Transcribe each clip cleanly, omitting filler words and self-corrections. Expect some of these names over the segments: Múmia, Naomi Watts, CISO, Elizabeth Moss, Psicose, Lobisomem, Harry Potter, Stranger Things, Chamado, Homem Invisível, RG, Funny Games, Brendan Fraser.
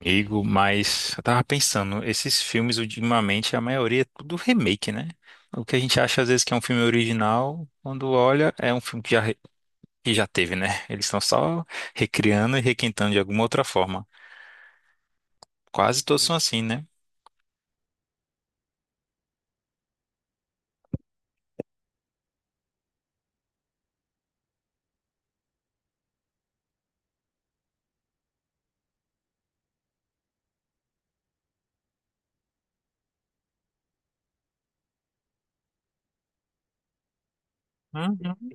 Amigo, mas eu tava pensando, esses filmes ultimamente, a maioria é tudo remake, né? O que a gente acha às vezes que é um filme original, quando olha, é um filme que que já teve, né? Eles estão só recriando e requintando de alguma outra forma. Quase todos são assim, né? Uhum.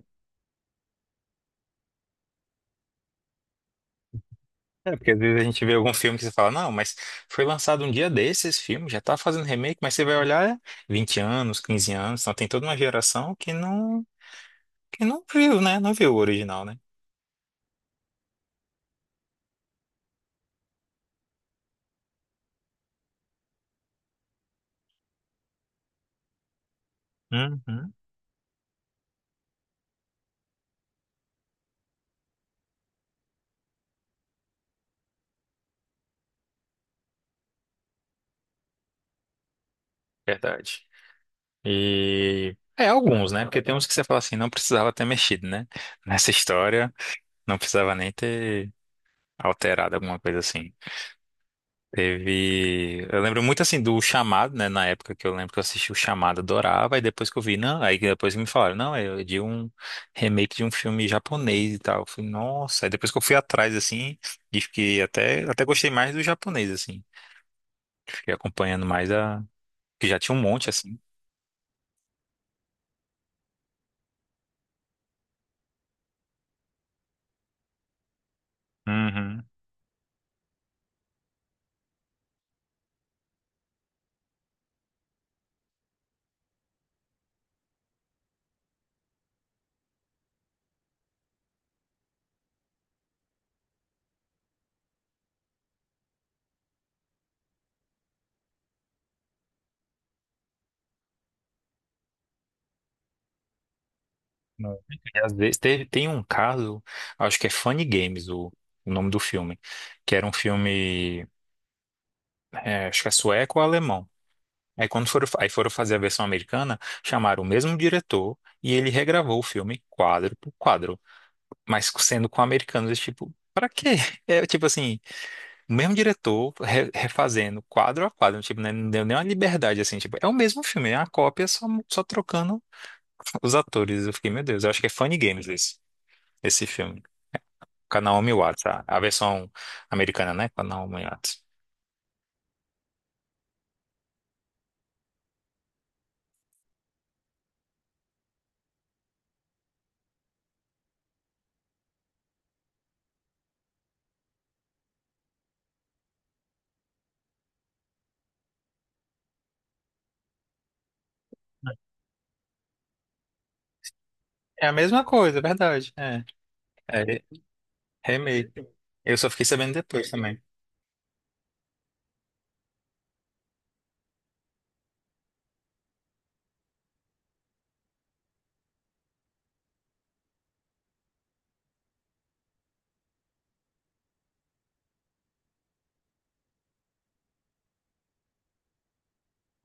É, porque às vezes a gente vê algum filme que você fala, não, mas foi lançado um dia desses esse filme, já tá fazendo remake, mas você vai olhar é 20 anos, 15 anos, então tem toda uma geração que não viu, né? Não viu o original, né? Uhum. Verdade. E é alguns, né? Porque tem uns que você fala assim, não precisava ter mexido, né? Nessa história, não precisava nem ter alterado alguma coisa assim. Teve, eu lembro muito assim do Chamado, né, na época que eu lembro que eu assisti o Chamado, adorava, e depois que eu vi, não, aí depois que depois me falaram, não, é de um remake de um filme japonês e tal. Eu falei, nossa, aí depois que eu fui atrás assim, e fiquei até gostei mais do japonês assim. Fiquei acompanhando mais a que já tinha um monte assim. Uhum. Não. E às vezes tem um caso, acho que é Funny Games o nome do filme, que era um filme, é, acho que é sueco ou alemão. Aí quando foram, fa- aí foram fazer a versão americana, chamaram o mesmo diretor e ele regravou o filme quadro por quadro, mas sendo com americanos, tipo, pra quê? É tipo assim, o mesmo diretor refazendo quadro a quadro, tipo, né, não deu nem uma liberdade assim, tipo, é o mesmo filme, é uma cópia só, só trocando os atores. Eu fiquei, meu Deus, eu acho que é Funny Games esse, esse filme. Com a Naomi Watts, a versão americana, né? Com a Naomi Watts. É a mesma coisa, é verdade. É, remake. Eu só fiquei sabendo depois também.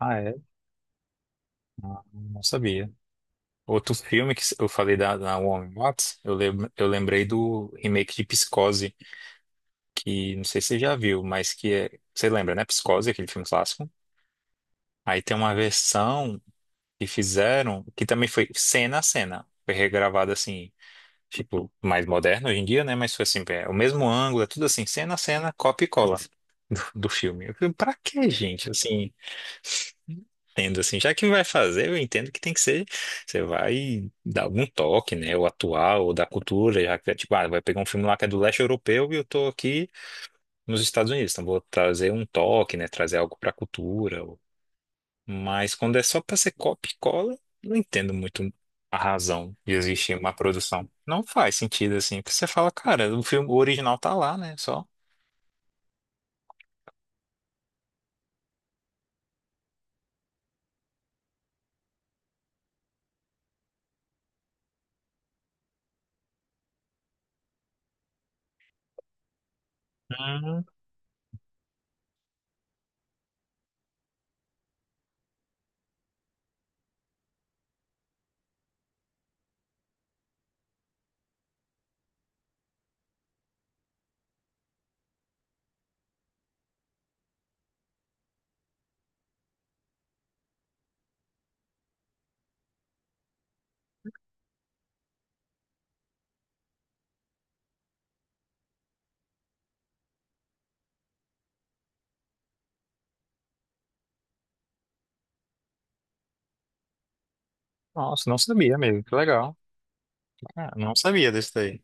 Ah, é? Não sabia. Outro filme que eu falei da Naomi Watts, eu lembrei do remake de Psicose, que não sei se você já viu, mas que é. Você lembra, né? Psicose, aquele filme clássico. Aí tem uma versão que fizeram, que também foi cena a cena. Foi regravada assim. Tipo, mais moderno hoje em dia, né? Mas foi assim, é o mesmo ângulo, é tudo assim, cena a cena, copia e cola do filme. Eu falei, pra que, gente? Assim, tendo assim, já que vai fazer, eu entendo que tem que ser, você vai dar algum toque, né? Ou atual, ou da cultura, já que é tipo, ah, vai pegar um filme lá que é do leste europeu e eu tô aqui nos Estados Unidos, então vou trazer um toque, né? Trazer algo pra cultura. Mas quando é só para ser copia e cola, não entendo muito a razão de existir uma produção. Não faz sentido assim, porque você fala, cara, o filme o original tá lá, né? Só. Hum, nossa, não sabia mesmo. Que legal. Ah, não sabia desse daí.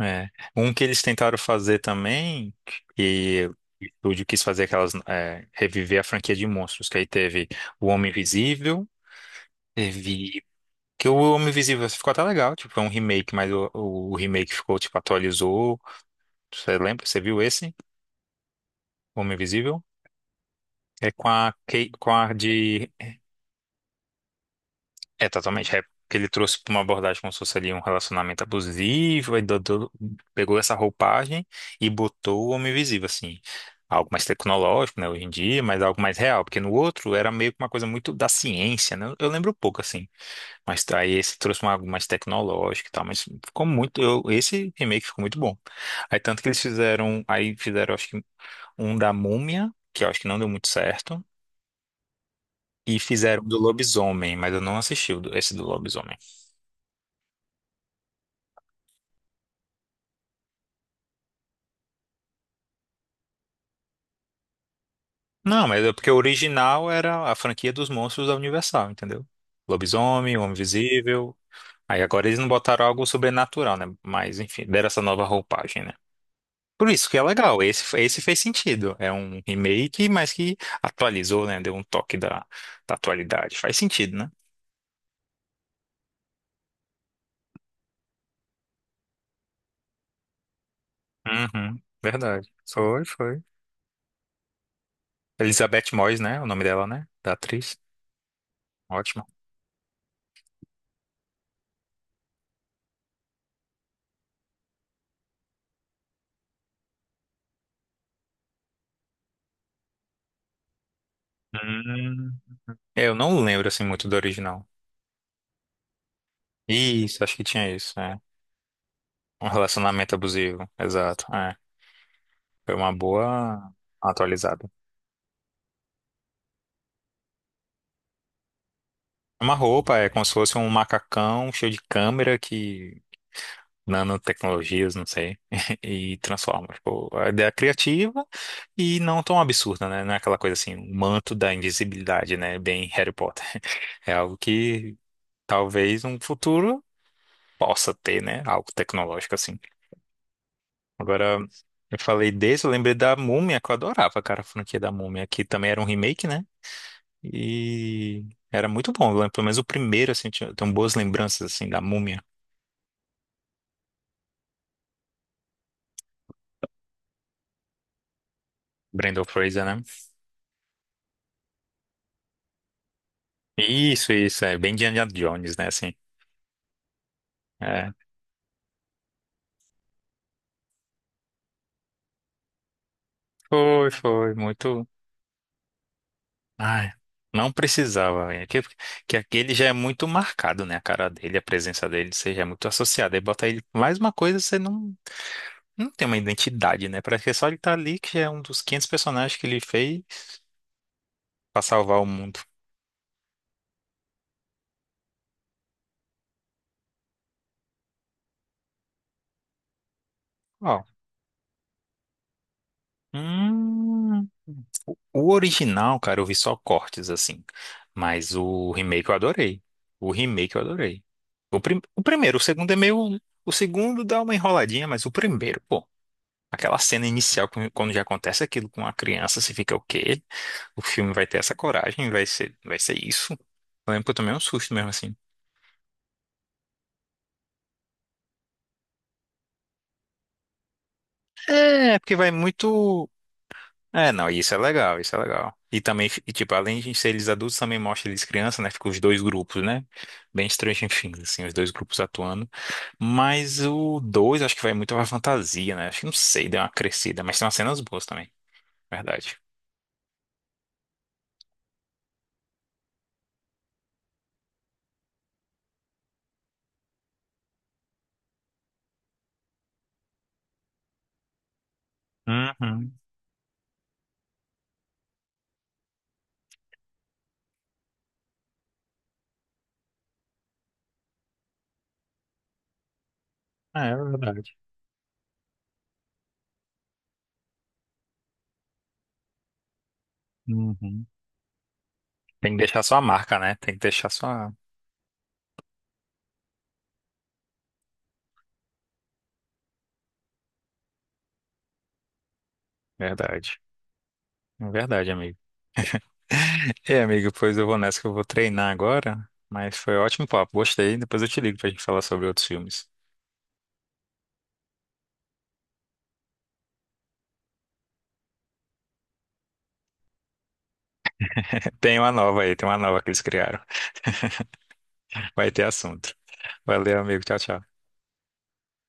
É. Um que eles tentaram fazer também, e o estúdio quis fazer aquelas, é, reviver a franquia de monstros, que aí teve O Homem Invisível, teve. Que o Homem Invisível ficou até legal, tipo, foi um remake, mas o remake ficou, tipo, atualizou. Você lembra? Você viu esse? Homem Invisível? É com a, com a de. É totalmente rap. Que ele trouxe pra uma abordagem como se fosse ali um relacionamento abusivo. Pegou essa roupagem e botou o Homem Invisível, assim. Algo mais tecnológico, né, hoje em dia, mas algo mais real. Porque no outro era meio que uma coisa muito da ciência, né? Eu lembro pouco, assim. Mas aí esse trouxe uma, algo mais tecnológico e tal, mas ficou muito. Eu, esse remake ficou muito bom. Aí tanto que eles fizeram. Aí fizeram, acho que, um da Múmia, que eu acho que não deu muito certo. E fizeram do Lobisomem, mas eu não assisti esse do Lobisomem. Não, mas é porque o original era a franquia dos monstros da Universal, entendeu? Lobisomem, Homem Invisível. Aí agora eles não botaram algo sobrenatural, né? Mas enfim, deram essa nova roupagem, né? Por isso que é legal, esse fez sentido. É um remake, mas que atualizou, né? Deu um toque da, da atualidade. Faz sentido, né? Uhum, verdade. Foi, foi. Elizabeth Moss, né? O nome dela, né? Da atriz. Ótimo. Hum. É, eu não lembro, assim, muito do original. Isso, acho que tinha isso, é. Um relacionamento abusivo, exato. É. Foi uma boa atualizada. Uma roupa, é como se fosse um macacão cheio de câmera que nanotecnologias, não sei, e transforma. Tipo, a ideia é criativa e não tão absurda, né? Não é aquela coisa assim, o manto da invisibilidade, né? Bem Harry Potter. É algo que talvez um futuro possa ter, né? Algo tecnológico assim. Agora, eu falei desse, eu lembrei da Múmia, que eu adorava, cara, a franquia da Múmia, que também era um remake, né? E era muito bom, eu lembro, pelo menos o primeiro, assim, tinha, tenho boas lembranças, assim, da Múmia. Brendan Fraser, né? Isso, é bem Indiana Jones, né? Assim, é, foi, foi, muito. Ai, não precisava. É que aquele já é muito marcado, né? A cara dele, a presença dele, você já é muito associado. Aí bota ele mais uma coisa, você não, não tem uma identidade, né? Parece que é só ele tá ali, que já é um dos 500 personagens que ele fez pra salvar o mundo. Ó. Hum, o original, cara, eu vi só cortes assim. Mas o remake eu adorei. O remake eu adorei. O primeiro, o segundo é meio. O segundo dá uma enroladinha, mas o primeiro, pô. Aquela cena inicial, quando já acontece aquilo com a criança, você fica o quê? O filme vai ter essa coragem, vai ser isso. Eu lembro que eu tomei um susto mesmo assim. É, porque vai muito. É, não, isso é legal, isso é legal. E também, e, tipo, além de ser eles adultos, também mostra eles crianças, né? Fica os dois grupos, né? Bem Stranger Things, assim, os dois grupos atuando. Mas o 2 acho que vai muito pra fantasia, né? Acho que não sei, deu uma crescida, mas tem umas cenas boas também, verdade. Uhum. É, é verdade. Uhum. Tem que deixar sua marca, né? Tem que deixar sua. Verdade. Verdade, amigo. É, amigo, pois eu vou nessa que eu vou treinar agora. Mas foi ótimo papo, gostei. Depois eu te ligo pra gente falar sobre outros filmes. Tem uma nova aí, tem uma nova que eles criaram. Vai ter assunto. Valeu, amigo. Tchau, tchau.